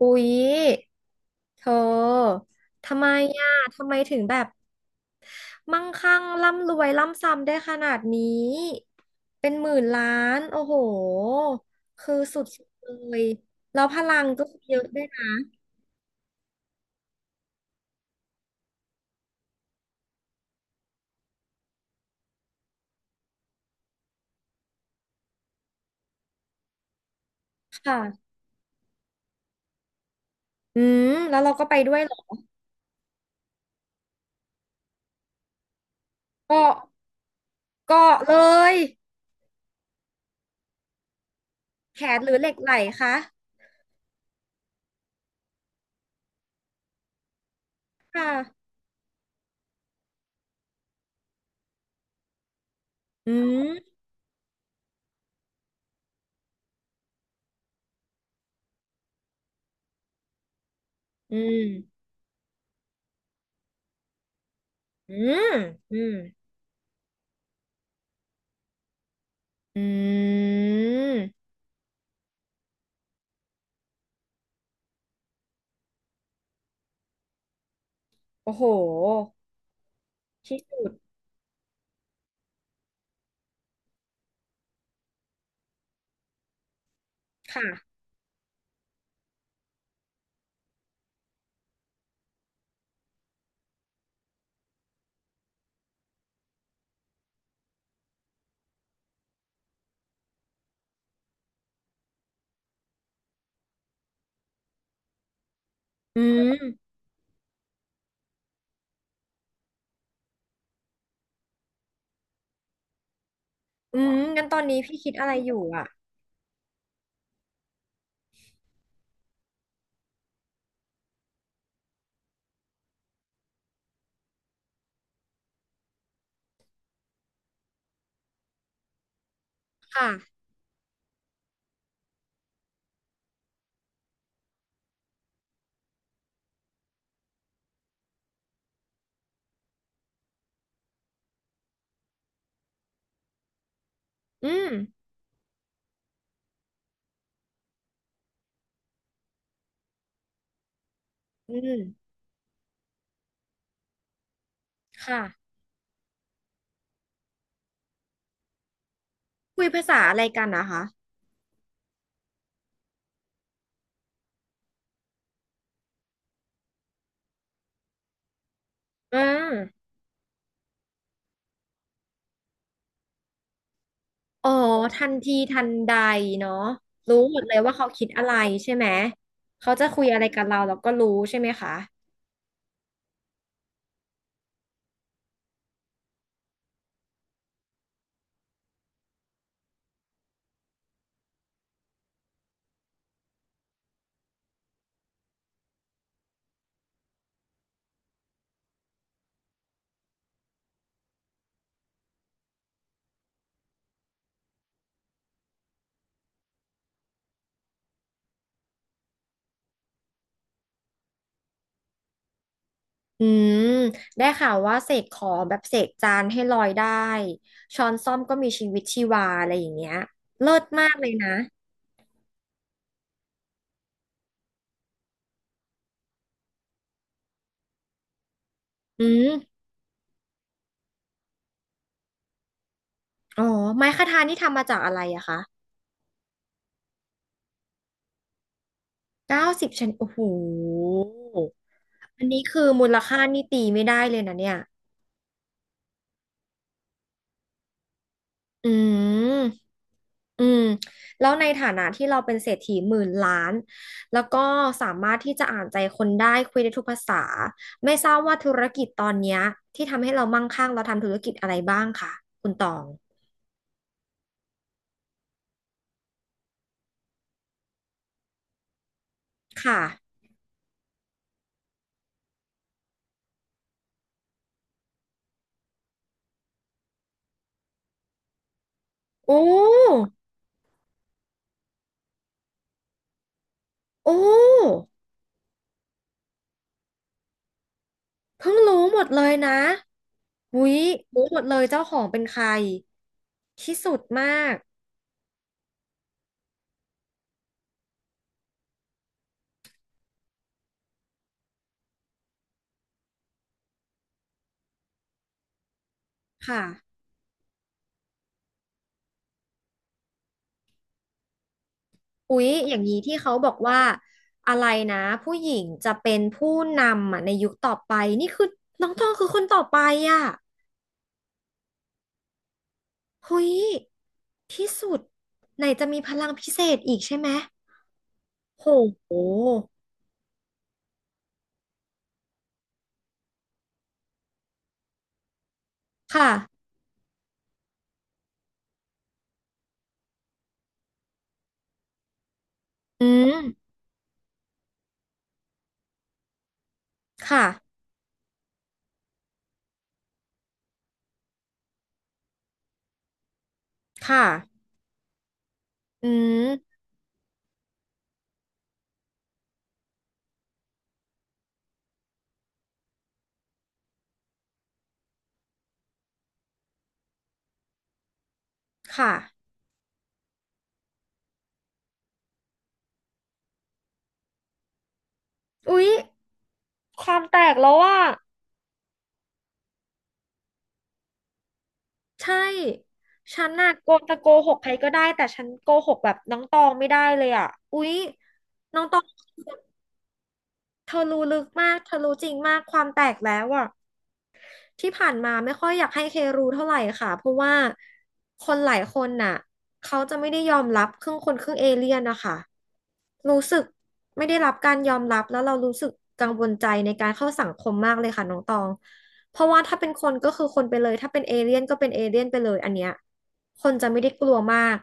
อุ๊ยเธอ ทำไมอ่ะทำไมถึงแบบมั่งคั่งร่ำรวยร่ำซ้ำได้ขนาดนี้ เป็นหมื่นล้านโอ้โหคือสุดๆเลยแล้วพลังก็เยอะด้วยนะค่ะอืมแล้วเราก็ไปด้วยเหรอก็ก็เลยแขนหรือเหล็กไหลคะค่ะอืมอืมอืมอืมอืมโอ้โหที่สุดค่ะอืม อืมงั้นตอนนี้พี่คิดอะไรอยู่อ่ะค่ะอืมอืมค่ะคุยภาษาอะไรกันนะคะอืมอ๋อทันทีทันใดเนาะรู้หมดเลยว่าเขาคิดอะไรใช่ไหมเขาจะคุยอะไรกับเราเราก็รู้ใช่ไหมคะอืมได้ข่าวว่าเสกของแบบเสกจานให้ลอยได้ช้อนส้อมก็มีชีวิตชีวาอะไรอย่างเงี้ยเลิศมากเลยนะอืมอ๋อไม้คทานี่ทำมาจากอะไรอะคะ90ชนิดโอ้โห อันนี้คือมูลค่านี่ตีไม่ได้เลยนะเนี่ยอืมอืมแล้วในฐานะที่เราเป็นเศรษฐีหมื่นล้าน แล้วก็สามารถที่จะอ่านใจคนได้คุยได้ทุกภาษาไม่ทราบว่าธุรกิจตอนเนี้ยที่ทำให้เรามั่งคั่งเราทำธุรกิจอะไรบ้างคะคุณตองค่ะโอ้โอ้เพิ่งรู้หมดเลยนะอุ๊ยรู้หมดเลยเจ้าของเป็นใครที่สุดมากค่ะ อุ๊ยอย่างนี้ที่เขาบอกว่าอะไรนะผู้หญิงจะเป็นผู้นำอ่ะในยุคต่อไปนี่คือน้องตองคือคนต่อไปอ่ะเฮ้ยที่สุดไหนจะมีพลังพิเศษอีกใช่ไหมโหค่ะอืมค่ะ ค่ะอืมค่ะอุ๊ยความแตกแล้วว่าใช่ ฉันน่ะโกหกใครก็ได้แต่ฉันโกหกแบบน้องตองไม่ได้เลยอ่ะอุ๊ยน้องตอง เธอรู้ลึกมากเธอรู้จริงมากความแตกแล้วอ่ะที่ผ่านมาไม่ค่อยอยากให้เครู้เท่าไหร่ค่ะเพราะว่าคนหลายคนน่ะเขาจะไม่ได้ยอมรับครึ่งคนครึ่งเอเลี่ยนนะคะรู้สึกไม่ได้รับการยอมรับแล้วเรารู้สึกกังวลใจในการเข้าสังคมมากเลยค่ะน้องตองเพราะว่าถ้าเป็นคนก็คือคนไปเลยถ้าเป็นเอเลี่ยนก็เป็นเอเลี่ยนไปเลยอันเนี้ยคนจะไม่ได้กลัวมาก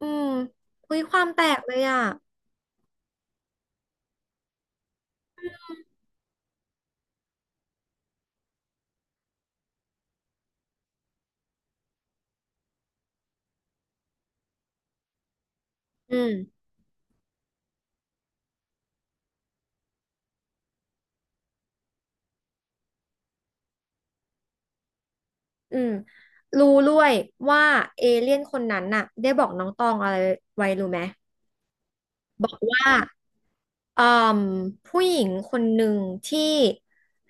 อืมอุ้ยความแตกเลยอ่ะอืม อืมรู้ด้วยว่าเอเลี่ยนคนนั้นน่ะได้บอกน้องตองอะไรไว้รู้ไหมว่าเอ่มผู้หญิงคนหนึ่งที่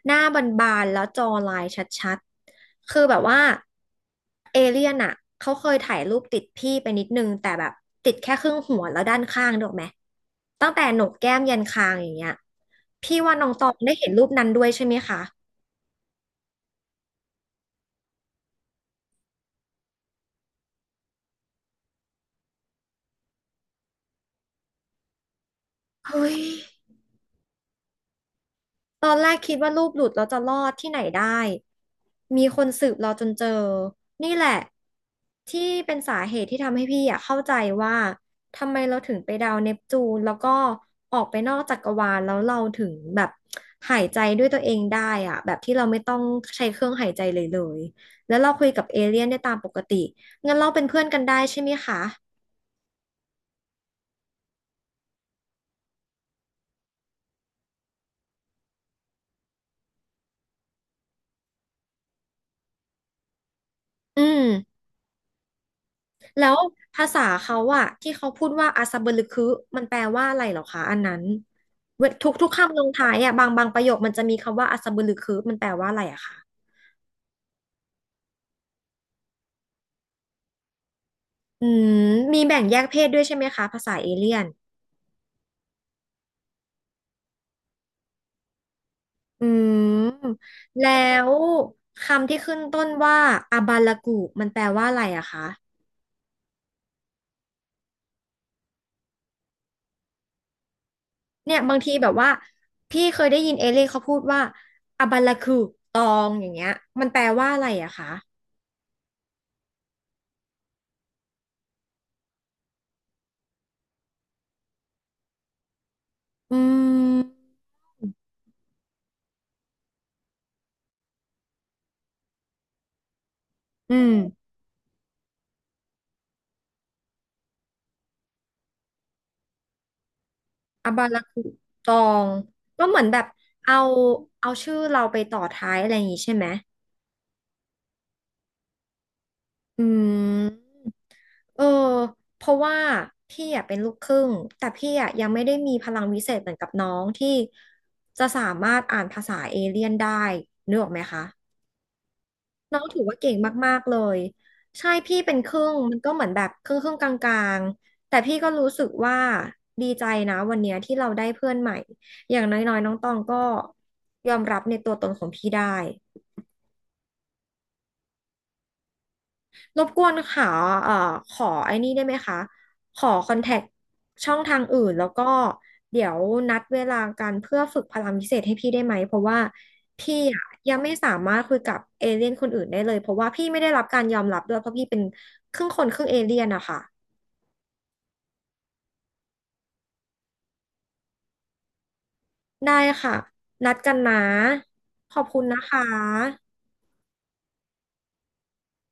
หน้าบานๆแล้วจอลายชัดๆคือแบบว่าเอเลี่ยนอ่ะเขาเคยถ่ายรูปติดพี่ไปนิดนึงแต่แบบติดแค่ครึ่งหัวแล้วด้านข้างถูกไหมตั้งแต่โหนกแก้มยันคางอย่างเงี้ยพี่ว่าน้องตองได้เห็นรูปนั้นด้วยใช่ไหมคะเฮ้ย ตอนแรกคิดว่ารูปหลุดแล้วจะรอดที่ไหนได้ มีคนสืบเราจนเจอ นี่แหละที่เป็นสาเหตุที่ทำให้พี่อะเข้าใจว่า ทำไมเราถึงไปดาวเนปจูนแล้วก็ออกไปนอกจักรวาลแล้วเราถึงแบบหายใจด้วยตัวเองได้อะแบบที่เราไม่ต้องใช้เครื่องหายใจเลย แล้วเราคุยกับเอเลี่ยนได้ตามปกติ งั้นเราเป็นเพื่อนกันได้ใช่ไหมคะอืม แล้วภาษาเขาอะที่เขาพูดว่าอาซาเบลึคือมันแปลว่าอะไรเหรอคะอันนั้นเวทุกคำลงท้ายอะบางประโยคมันจะมีคำว่าอาซาเบลึคือมันแปลว่าอะไรอะคะอืมมีแบ่งแยกเพศด้วยใช่ไหมคะภาษาเอเลี่ยนอืมแล้วคำที่ขึ้นต้นว่าอาบาลากูมันแปลว่าอะไรอะคะเนี่ยบางทีแบบว่าพี่เคยได้ยินเอเลี่ยนเขาพูดว่าอาบาลากูตองอย่างเงี้ยมันแปลว่าอะไรอะคะอืมอืม อาบารากุตองก็เหมือนแบบเอาเอาชื่อเราไปต่อท้ายอะไรอย่างงี้ใช่ไหม อืมเออเพราะว่าพี่อะเป็นลูกครึ่งแต่พี่อะยังไม่ได้มีพลังวิเศษเหมือนกับน้องที่จะสามารถอ่านภาษาเอเลี่ยนได้นึกออกไหมคะ น้องถือว่าเก่งมากๆ เลยใช่พี่เป็นครึ่งมันก็เหมือนแบบครึ่งครึ่งกลางๆแต่พี่ก็รู้สึกว่าดีใจนะวันเนี้ยที่เราได้เพื่อนใหม่อย่างน้อยๆน้องตองก็ยอมรับในตัวตนของพี่ได้ รบกวนค่ะเอ่อขอไอ้นี่ได้ไหมคะขอคอนแทคช่องทางอื่นแล้วก็เดี๋ยวนัดเวลากันเพื่อฝึกพลังพิเศษให้พี่ได้ไหมเพราะว่าพี่อะยังไม่สามารถคุยกับเอเลี่ยนคนอื่นได้เลยเพราะว่าพี่ไม่ได้รับการยอมรับด้วยเพราะพี่เป็นครึ่งคนครึ่งเอเลี่ยนอะค่ะได้ค่ะนัดกันนะขอบคุณนะคะ